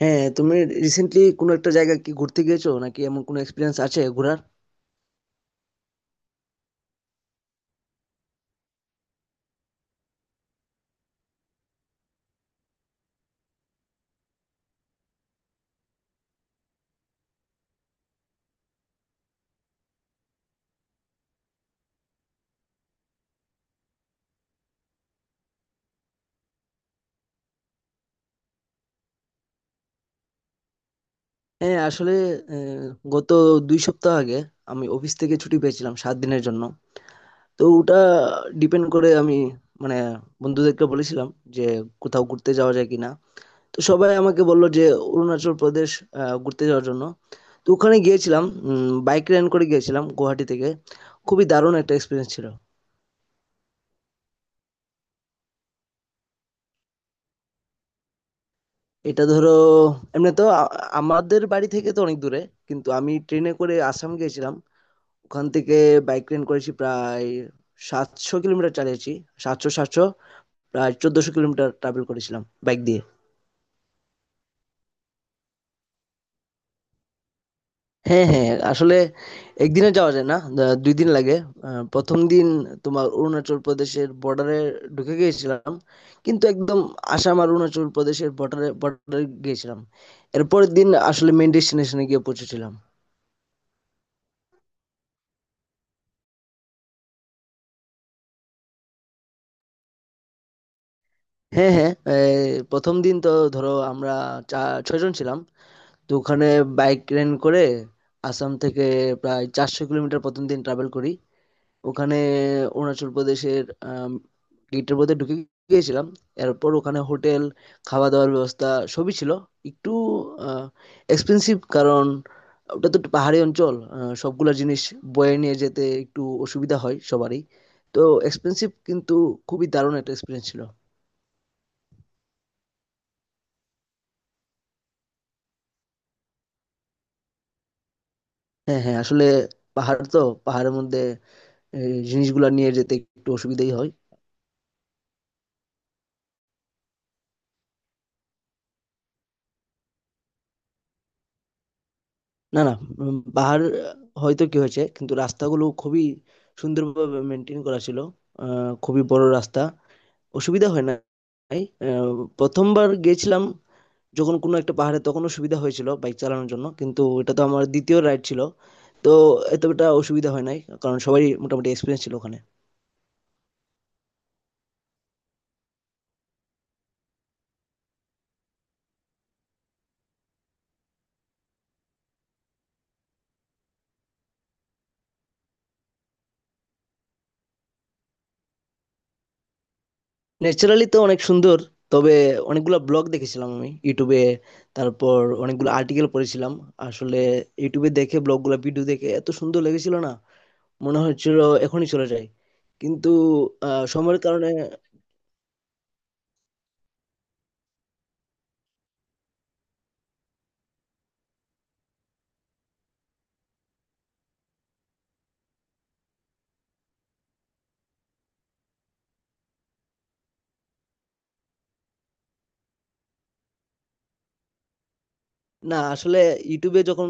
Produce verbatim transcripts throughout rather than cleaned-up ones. হ্যাঁ, তুমি রিসেন্টলি কোনো একটা জায়গা কি ঘুরতে গিয়েছো, নাকি এমন কোনো এক্সপিরিয়েন্স আছে ঘোরার? হ্যাঁ, আসলে আহ, গত দুই সপ্তাহ আগে আমি অফিস থেকে ছুটি পেয়েছিলাম সাত দিনের জন্য। তো ওটা ডিপেন্ড করে, আমি মানে বন্ধুদেরকে বলেছিলাম যে কোথাও ঘুরতে যাওয়া যায় কিনা। তো সবাই আমাকে বললো যে অরুণাচল প্রদেশ আহ, ঘুরতে যাওয়ার জন্য। তো ওখানে গিয়েছিলাম, বাইক রেন্ট করে গিয়েছিলাম গুয়াহাটি থেকে। খুবই দারুণ একটা এক্সপিরিয়েন্স ছিল। এটা ধরো, এমনি তো আ- আমাদের বাড়ি থেকে তো অনেক দূরে, কিন্তু আমি ট্রেনে করে আসাম গিয়েছিলাম। ওখান থেকে বাইক রেন্ট করেছি, প্রায় সাতশো কিলোমিটার চালিয়েছি। সাতশো সাতশো, প্রায় চোদ্দশো কিলোমিটার ট্রাভেল করেছিলাম বাইক দিয়ে। হ্যাঁ হ্যাঁ, আসলে একদিনে যাওয়া যায় না, দা- দুই দিন লাগে। আহ, প্রথম দিন তোমার অরুণাচল প্রদেশের বর্ডারে ঢুকে গিয়েছিলাম, কিন্তু একদম আসাম আর অরুণাচল প্রদেশের বর্ডারে বর্ডারে গিয়েছিলাম। এরপরের দিন আসলে মেন ডেস্টিনেশনে গিয়ে পৌঁছেছিলাম। হ্যাঁ হ্যাঁ, এই প্রথম দিন তো ধরো আমরা চা ছয়জন ছিলাম। তো ওখানে বাইক রেন্ট করে আসাম থেকে প্রায় চারশো কিলোমিটার প্রথম দিন ট্রাভেল করি। ওখানে অরুণাচল প্রদেশের গেটের মধ্যে ঢুকে গিয়েছিলাম। এরপর ওখানে হোটেল, খাওয়া দাওয়ার ব্যবস্থা সবই ছিল। একটু এক্সপেন্সিভ, কারণ ওটা তো একটু পাহাড়ি অঞ্চল, আহ, সবগুলা জিনিস বয়ে নিয়ে যেতে একটু অসুবিধা হয় সবারই। তো এক্সপেন্সিভ, কিন্তু খুবই দারুণ একটা এক্সপিরিয়েন্স ছিল। হ্যাঁ হ্যাঁ, আসলে পাহাড় তো, পাহাড়ের মধ্যে এই জিনিসগুলা নিয়ে যেতে একটু অসুবিধাই হয়। না না, উম, পাহাড় আহ, হয়তো কি হয়েছে, কিন্তু রাস্তাগুলো খুবই সুন্দরভাবে মেনটেন করা ছিল। আহ, খুবই বড় রাস্তা, অসুবিধা হয় না নাই। আহ, প্রথমবার গেছিলাম যখন কোনো একটা পাহাড়ে, তখন অসুবিধা হয়েছিল বাইক চালানোর জন্য, কিন্তু এটা তো আমার দ্বিতীয় রাইড ছিল। তো এতটা অসুবিধা হয় নাই, কারণ সবাই মোটামুটি এক্সপিরিয়েন্স ছিল ওখানে। ন্যাচারালি তো অনেক সুন্দর। তবে অনেকগুলা ব্লগ দেখেছিলাম আমি ইউটিউবে। তারপর অনেকগুলো আর্টিকেল পড়েছিলাম। আসলে ইউটিউবে দেখে ব্লগগুলো ভিডিও দেখে এত সুন্দর লেগেছিল না, মনে হচ্ছিল এখনই চলে যাই। কিন্তু আহ, সময়ের কারণে। না, আসলে ইউটিউবে যখন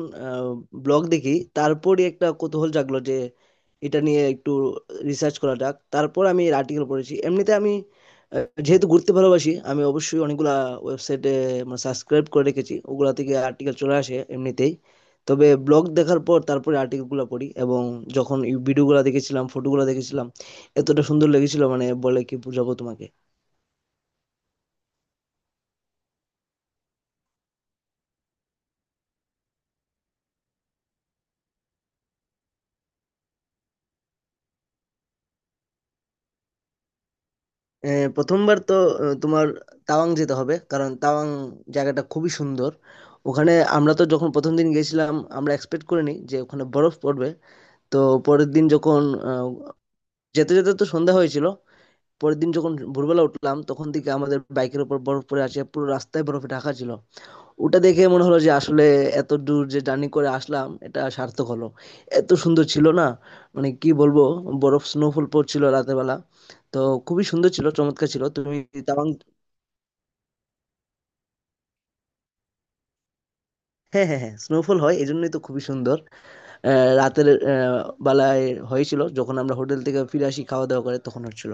ব্লগ দেখি, তারপরই একটা কৌতূহল জাগলো যে এটা নিয়ে একটু রিসার্চ করা যাক। তারপর আমি এর আর্টিকেল পড়েছি। এমনিতে আমি আহ, যেহেতু ঘুরতে ভালোবাসি, আমি অবশ্যই অনেকগুলা ওয়েবসাইটে মানে সাবস্ক্রাইব করে রেখেছি, ওগুলা থেকে আর্টিকেল চলে আসে এমনিতেই। তবে ব্লগ দেখার পর তারপরে আর্টিকেলগুলো পড়ি, এবং যখন ভিডিওগুলো দেখেছিলাম, ফটোগুলো দেখেছিলাম, এতটা সুন্দর লেগেছিল, মানে বলে কি বোঝাবো তোমাকে। আহ, প্রথমবার তো আহ, তোমার তাওয়াং যেতে হবে, কারণ তাওয়াং জায়গাটা খুবই সুন্দর। ওখানে আমরা তো যখন প্রথম দিন গেছিলাম, আমরা এক্সপেক্ট করিনি যে ওখানে বরফ পড়বে। তো পরের দিন যখন আহ, যেতে যেতে তো সন্ধ্যা হয়েছিল, পরের দিন যখন ভোরবেলা উঠলাম, তখন থেকে আমাদের বাইকের উপর বরফ পড়ে আছে, পুরো রাস্তায় বরফে ঢাকা ছিল। ওটা দেখে মনে হলো যে আসলে এত দূর যে জার্নি করে আসলাম এটা সার্থক হলো। এত সুন্দর ছিল, না মানে কি বলবো, বরফ স্নোফল পড়ছিল রাতের বেলা। তো খুবই সুন্দর ছিল, চমৎকার ছিল। তুমি তাওয়াং। হ্যাঁ হ্যাঁ হ্যাঁ, স্নোফল হয়, এই জন্যই তো খুবই সুন্দর। আহ, রাতের আহ, বেলায় হয়েছিল, যখন আমরা হোটেল থেকে ফিরে আসি খাওয়া দাওয়া করে, তখন হচ্ছিল।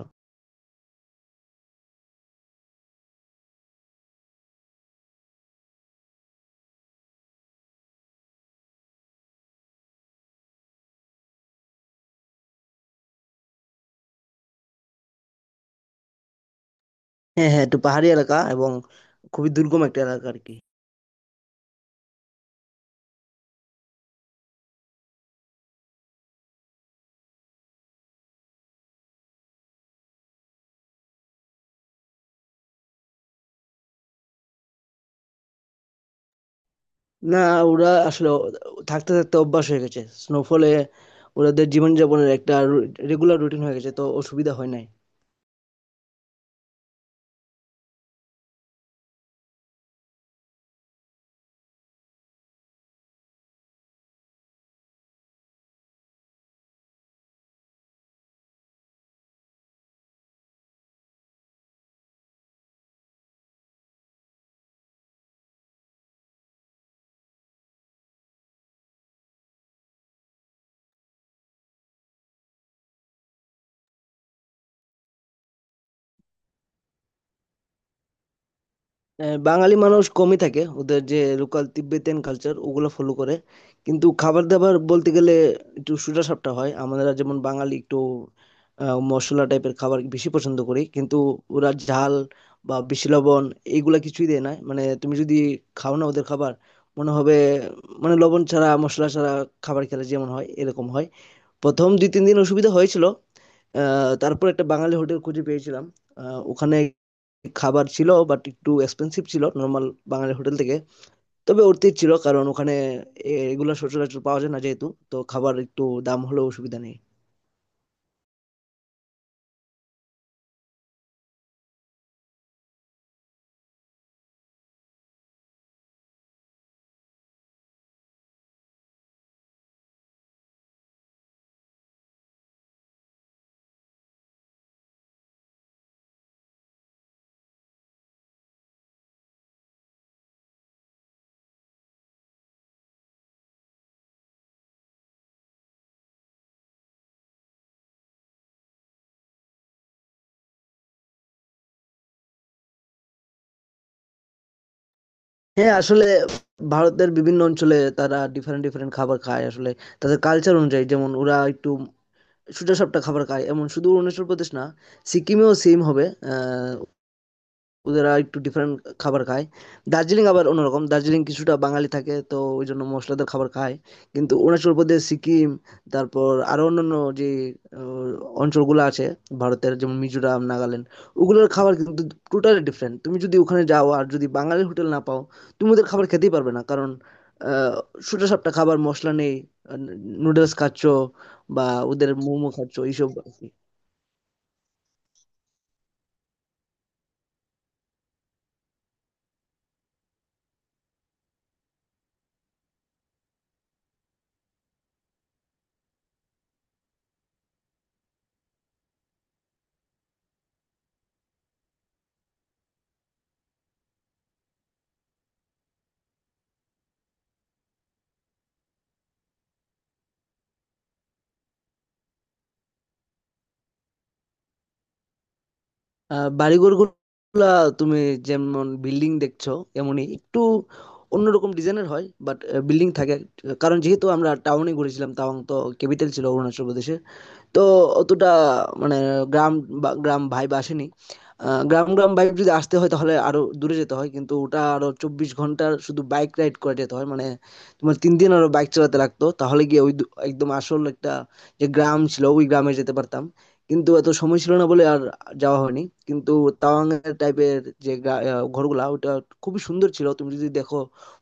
হ্যাঁ হ্যাঁ, একটু পাহাড়ি এলাকা, এবং খুবই দুর্গম একটা এলাকা আর কি। না, ওরা আসলে থাকতে থাকতে অভ্যাস হয়ে গেছে, স্নোফলে ওদের জীবনযাপনের একটা রেগুলার রুটিন হয়ে গেছে, তো অসুবিধা হয় নাই। আহ, বাঙালি মানুষ কমই থাকে, ওদের যে লোকাল তিব্বেতিয়ান কালচার ওগুলো ফলো করে। কিন্তু খাবার দাবার বলতে গেলে একটু সোজা সাপটা হয়। আমরা যেমন বাঙালি একটু আহ, মশলা টাইপের খাবার বেশি পছন্দ করি, কিন্তু ওরা ঝাল বা বেশি লবণ এইগুলা কিছুই দেয় না। মানে তুমি যদি খাও না ওদের খাবার, মনে হবে মানে লবণ ছাড়া মশলা ছাড়া খাবার খেলে যেমন হয় এরকম হয়। প্রথম দুই তিন দিন অসুবিধা হয়েছিল। আ তারপর একটা বাঙালি হোটেল খুঁজে পেয়েছিলাম। আ ওখানে খাবার ছিল, বাট একটু এক্সপেনসিভ ছিল নরমাল বাঙালি হোটেল থেকে। তবে অর্থিত ছিল, কারণ ওখানে এ এগুলা সচরাচর পাওয়া যায় না যেহেতু। তো খাবার একটু দাম হলেও অসুবিধা নেই। হ্যাঁ, আসলে ভারতের বিভিন্ন অঞ্চলে তারা ডিফারেন্ট, ডিফারেন্ট খাবার খায় আসলে। তাদের কালচার অনুযায়ী, যেমন ওরা একটু সোজাসাপ্টা খাবার খায়। এমন শুধু অরুণাচল প্রদেশ না, সিকিমেও সেইম হবে। আ ওদেরা একটু ডিফারেন্ট খাবার খায়। দার্জিলিং আবার অন্যরকম। দার্জিলিং কিছুটা বাঙালি থাকে তো ওইজন্য মশলাদার খাবার খায়। কিন্তু অরুণাচল প্রদেশ, সিকিম, তারপর আরো অন্যান্য যে আহ, অঞ্চলগুলো আছে ভারতের, যেমন মিজোরাম, নাগাল্যান্ড, ওগুলোর খাবার কিন্তু টোটালি ডিফারেন্ট। তুমি যদি ওখানে যাও আর যদি বাঙালি হোটেল না পাও, তুমি ওদের খাবার খেতেই পারবে না। কারণ আহ, সোজা সাপটা খাবার, মশলা নেই। নুডলস খাচ্ছ বা ওদের মোমো খাচ্ছ এইসব। আহ বাড়িঘর গুলা তুমি যেমন বিল্ডিং দেখছো, এমনই একটু অন্যরকম ডিজাইনের হয়, বাট বিল্ডিং থাকে। কারণ যেহেতু আমরা টাউনে ঘুরেছিলাম, তাওয়াং তো ক্যাপিটাল ছিল অরুণাচল প্রদেশের। তো অতটা মানে গ্রাম বা গ্রাম ভাইব আসেনি। আহ, গ্রাম গ্রাম ভাইব যদি আসতে হয়, তাহলে আরো দূরে যেতে হয়, কিন্তু ওটা আরো চব্বিশ ঘন্টার শুধু বাইক রাইড করে যেতে হয় মানে। তোমার তিন দিন আরো বাইক চালাতে লাগতো, তাহলে গিয়ে ওই দু- একদম আসল একটা যে গ্রাম ছিল, ওই গ্রামে যেতে পারতাম। কিন্তু এত সময় ছিল না বলে আর যাওয়া হয়নি। কিন্তু তাওয়াং এর টাইপের যে গ্রা- আহ, ঘরগুলা, ওটা খুবই সুন্দর ছিল। তুমি যদি দেখো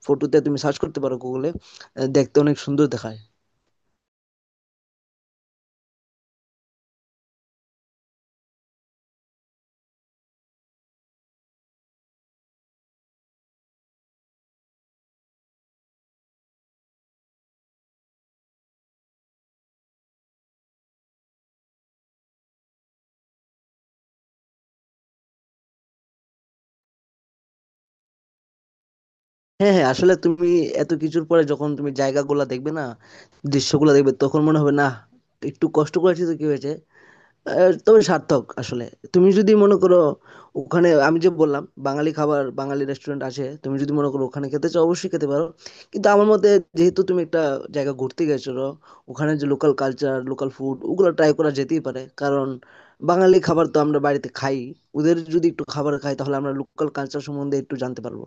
ফটোতে, তুমি সার্চ করতে পারো গুগলে, দেখতে অনেক সুন্দর দেখায়। হ্যাঁ হ্যাঁ, আসলে তুমি এত কিছুর পরে যখন তুমি জায়গাগুলো দেখবে না, দৃশ্যগুলো দেখবে, তখন মনে হবে না একটু কষ্ট করেছি তো কি হয়েছে। আহ, তবে সার্থক আসলে। তুমি যদি মনে করো, ওখানে আমি যে বললাম বাঙালি খাবার, বাঙালি রেস্টুরেন্ট আছে, তুমি যদি মনে করো ওখানে খেতে চাও, অবশ্যই খেতে পারো। কিন্তু আমার মতে, যেহেতু তুমি একটা জায়গা ঘুরতে গেছো, ওখানে যে লোকাল কালচার লোকাল ফুড ওগুলো ট্রাই করা যেতেই পারে। কারণ বাঙালি খাবার তো আমরা বাড়িতে খাই, ওদের যদি একটু খাবার খাই, তাহলে আমরা লোকাল কালচার সম্বন্ধে একটু জানতে পারবো।